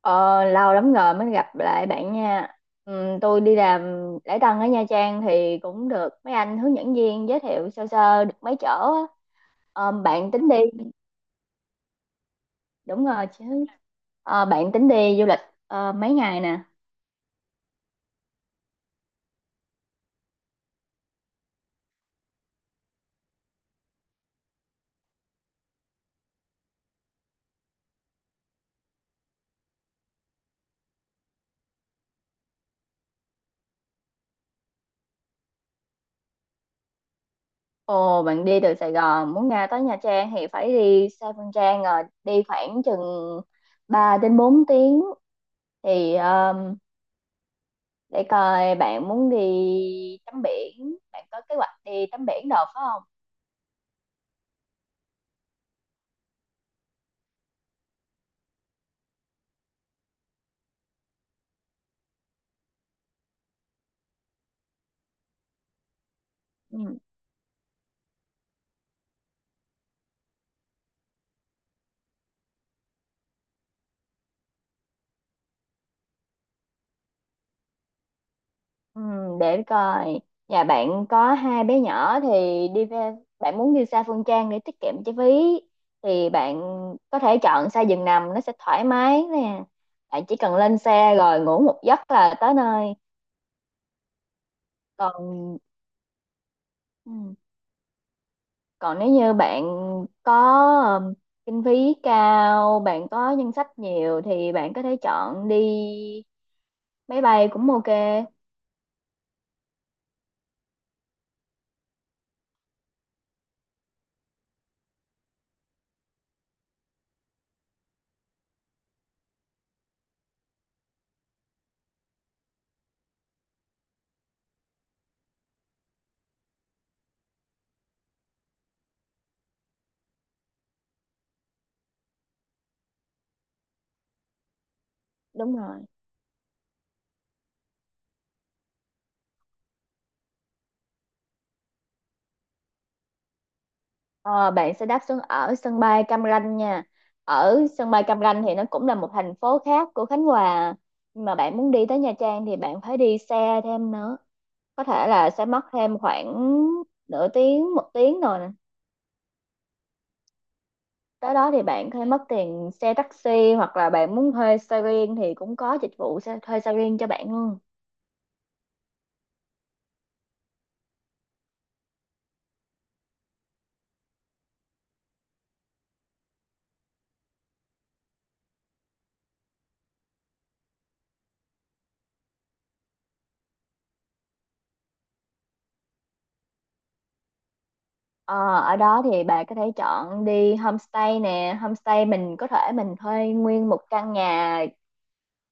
Ờ, lâu lắm rồi mới gặp lại bạn nha. Tôi đi làm lễ tân ở Nha Trang thì cũng được mấy anh hướng dẫn viên giới thiệu sơ sơ được mấy chỗ á. Ờ, bạn tính đi, đúng rồi chứ. Ờ, bạn tính đi du lịch mấy ngày nè. Ồ, bạn đi từ Sài Gòn muốn ra tới Nha Trang thì phải đi xe Phương Trang rồi đi khoảng chừng 3 đến 4 tiếng thì để coi bạn muốn đi tắm biển, bạn có kế hoạch đi tắm biển được phải không? Ừ, để coi nhà bạn có hai bé nhỏ thì đi về, bạn muốn đi xa Phương Trang để tiết kiệm chi phí thì bạn có thể chọn xe giường nằm, nó sẽ thoải mái nè, bạn chỉ cần lên xe rồi ngủ một giấc là tới nơi. Còn ừ, còn nếu như bạn có ừm, kinh phí cao, bạn có ngân sách nhiều thì bạn có thể chọn đi máy bay cũng ok. Đúng rồi. Ờ, bạn sẽ đáp xuống ở sân bay Cam Ranh nha. Ở sân bay Cam Ranh thì nó cũng là một thành phố khác của Khánh Hòa. Nhưng mà bạn muốn đi tới Nha Trang thì bạn phải đi xe thêm nữa. Có thể là sẽ mất thêm khoảng nửa tiếng, một tiếng rồi nè. Tới đó thì bạn có thể mất tiền xe taxi hoặc là bạn muốn thuê xe riêng thì cũng có dịch vụ xe, thuê xe riêng cho bạn luôn. Ờ, ở đó thì bạn có thể chọn đi homestay nè. Homestay mình có thể mình thuê nguyên một căn nhà.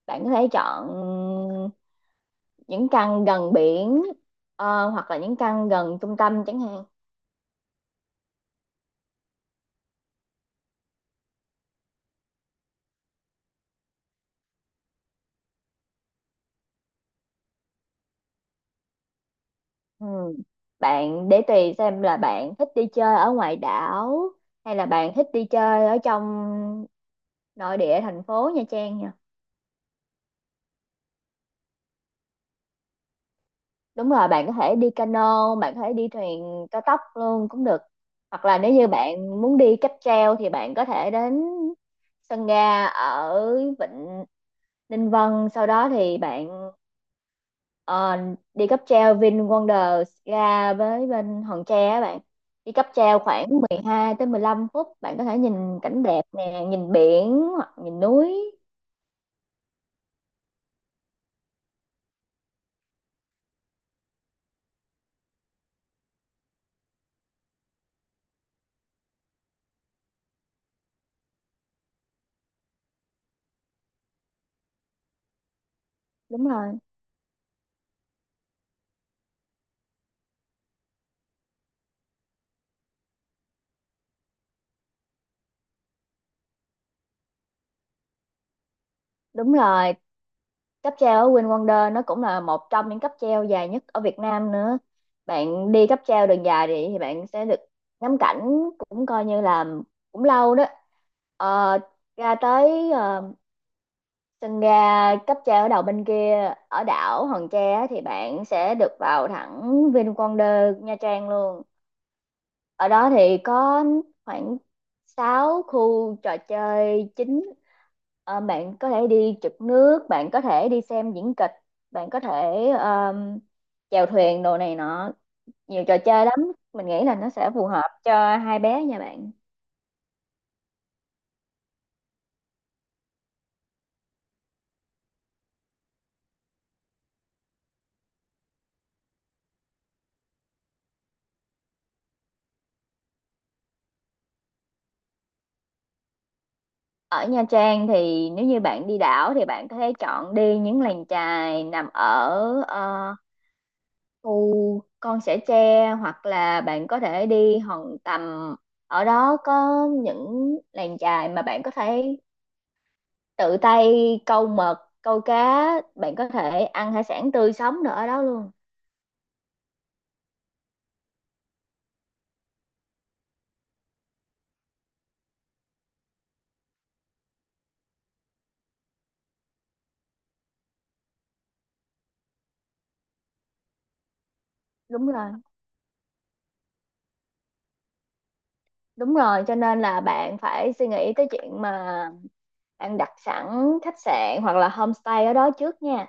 Bạn có thể chọn những căn gần biển, hoặc là những căn gần trung tâm chẳng hạn. Ừ, bạn để tùy xem là bạn thích đi chơi ở ngoài đảo hay là bạn thích đi chơi ở trong nội địa thành phố Nha Trang nha. Đúng rồi, bạn có thể đi cano, bạn có thể đi thuyền cao tốc luôn cũng được. Hoặc là nếu như bạn muốn đi cáp treo thì bạn có thể đến sân ga ở Vịnh Ninh Vân, sau đó thì bạn Ờ, đi cáp treo VinWonders ra với bên Hòn Tre á bạn, đi cáp treo khoảng 12 tới 15 phút, bạn có thể nhìn cảnh đẹp nè, nhìn biển hoặc nhìn núi. Đúng rồi, đúng rồi, cáp treo ở VinWonders nó cũng là một trong những cáp treo dài nhất ở Việt Nam nữa. Bạn đi cáp treo đường dài thì bạn sẽ được ngắm cảnh, cũng coi như là cũng lâu đó. Ờ, ra tới ờ, sân ga cấp tre ở đầu bên kia ở đảo Hòn Tre á, thì bạn sẽ được vào thẳng VinWonder Nha Trang luôn. Ở đó thì có khoảng 6 khu trò chơi chính. Ờ, bạn có thể đi trượt nước, bạn có thể đi xem diễn kịch, bạn có thể chèo thuyền đồ này nọ, nhiều trò chơi lắm. Mình nghĩ là nó sẽ phù hợp cho hai bé nha bạn. Ở Nha Trang thì nếu như bạn đi đảo thì bạn có thể chọn đi những làng chài nằm ở khu Con Sẻ Tre hoặc là bạn có thể đi Hòn Tầm. Ở đó có những làng chài mà bạn có thể tự tay câu mực, câu cá, bạn có thể ăn hải sản tươi sống nữa ở đó luôn. Đúng rồi, đúng rồi, cho nên là bạn phải suy nghĩ tới chuyện mà bạn đặt sẵn khách sạn hoặc là homestay ở đó trước nha.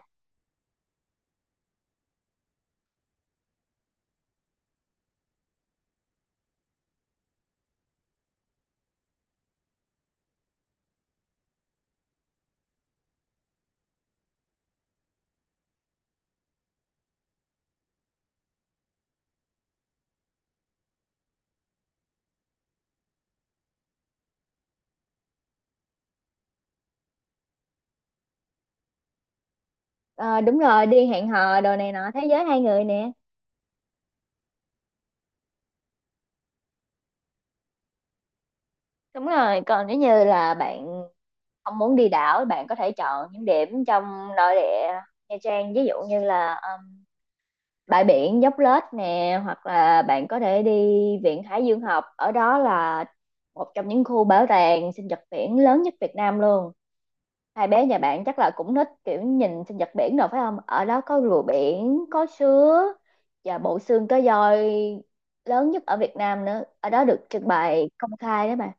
Ờ, đúng rồi, đi hẹn hò đồ này nọ, thế giới hai người nè. Đúng rồi, còn nếu như là bạn không muốn đi đảo, bạn có thể chọn những điểm trong nội địa Nha Trang, ví dụ như là bãi biển Dốc Lết nè, hoặc là bạn có thể đi Viện Hải Dương Học. Ở đó là một trong những khu bảo tàng sinh vật biển lớn nhất Việt Nam luôn. Hai bé nhà bạn chắc là cũng thích kiểu nhìn sinh nhật biển rồi phải không? Ở đó có rùa biển, có sứa và bộ xương cá voi lớn nhất ở Việt Nam nữa. Ở đó được trưng bày công khai đó mà.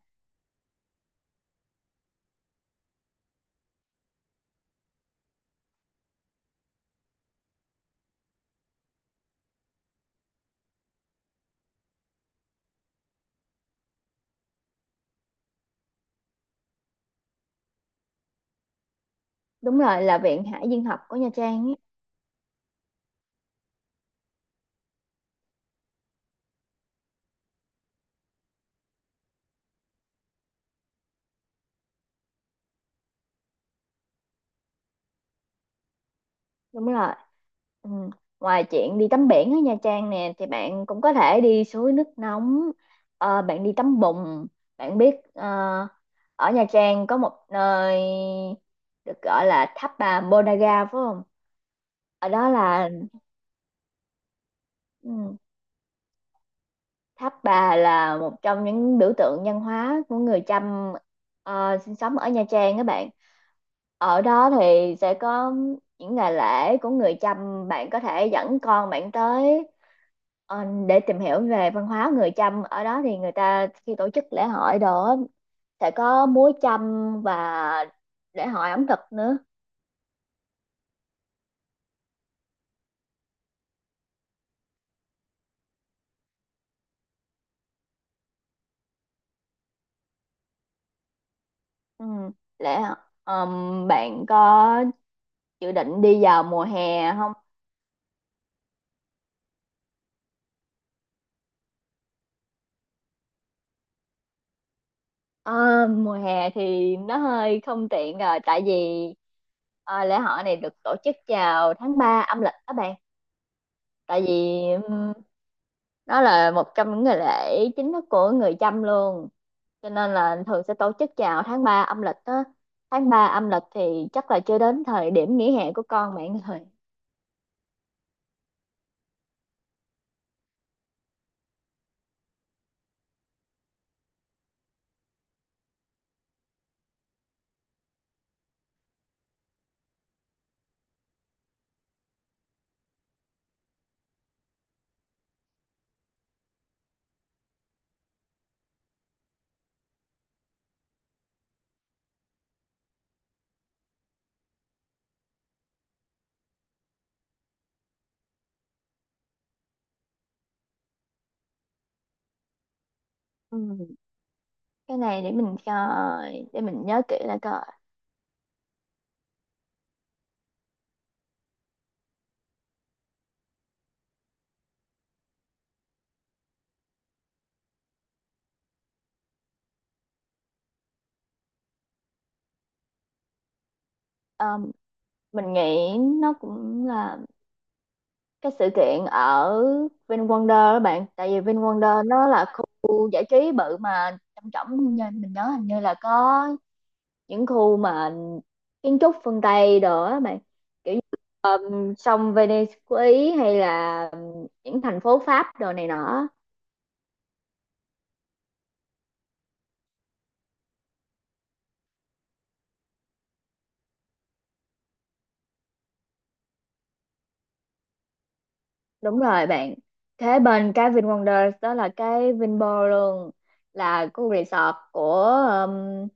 Đúng rồi, là Viện Hải Dương học của Nha Trang ấy. Đúng rồi. Ừ. Ngoài chuyện đi tắm biển ở Nha Trang nè thì bạn cũng có thể đi suối nước nóng, ờ, bạn đi tắm bùn. Bạn biết ờ, ở Nha Trang có một nơi được gọi là tháp bà Ponagar phải không? Ở đó là ừ. Tháp Bà là một trong những biểu tượng văn hóa của người Chăm ờ, sinh sống ở Nha Trang các bạn. Ở đó thì sẽ có những ngày lễ của người Chăm, bạn có thể dẫn con bạn tới ờ, để tìm hiểu về văn hóa người Chăm. Ở đó thì người ta khi tổ chức lễ hội đó sẽ có múa Chăm và lễ hội ẩm thực nữa. Ừ. Lễ bạn có dự định đi vào mùa hè không? Ờ, mùa hè thì nó hơi không tiện rồi, tại vì ờ, lễ hội này được tổ chức vào tháng 3 âm lịch các bạn, tại vì nó là một trong những ngày lễ chính thức của người Chăm luôn, cho nên là thường sẽ tổ chức vào tháng 3 âm lịch á. Tháng 3 âm lịch thì chắc là chưa đến thời điểm nghỉ hè của con bạn rồi. Ừ, cái này để mình coi, để mình nhớ kỹ lại coi. Ờ, mình nghĩ nó cũng là cái sự kiện ở VinWonder đó bạn, tại vì VinWonder nó là khu giải trí bự mà, trong trọng như mình nhớ hình như là có những khu mà kiến trúc phương Tây đồ á bạn, kiểu như sông Venice của Ý hay là những thành phố Pháp đồ này nọ. Đúng rồi bạn, thế bên cái VinWonder đó là cái Vinpearl luôn, là khu resort của um,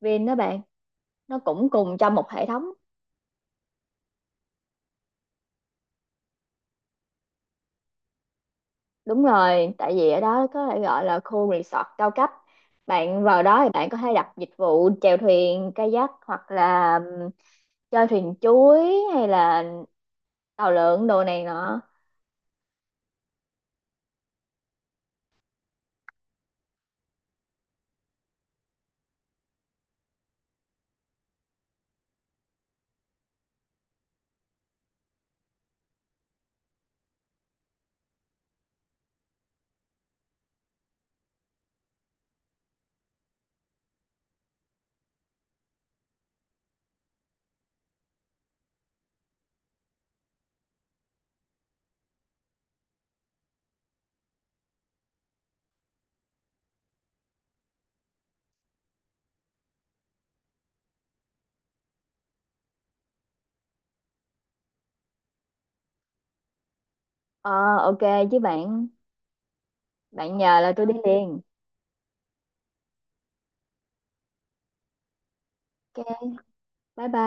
Vin đó bạn, nó cũng cùng trong một hệ thống. Đúng rồi, tại vì ở đó có thể gọi là khu resort cao cấp. Bạn vào đó thì bạn có thể đặt dịch vụ chèo thuyền, kayak hoặc là chơi thuyền chuối hay là tàu lượn đồ này nọ. Ờ, ok chứ bạn, bạn nhờ là tôi đi liền. Ok, bye bye.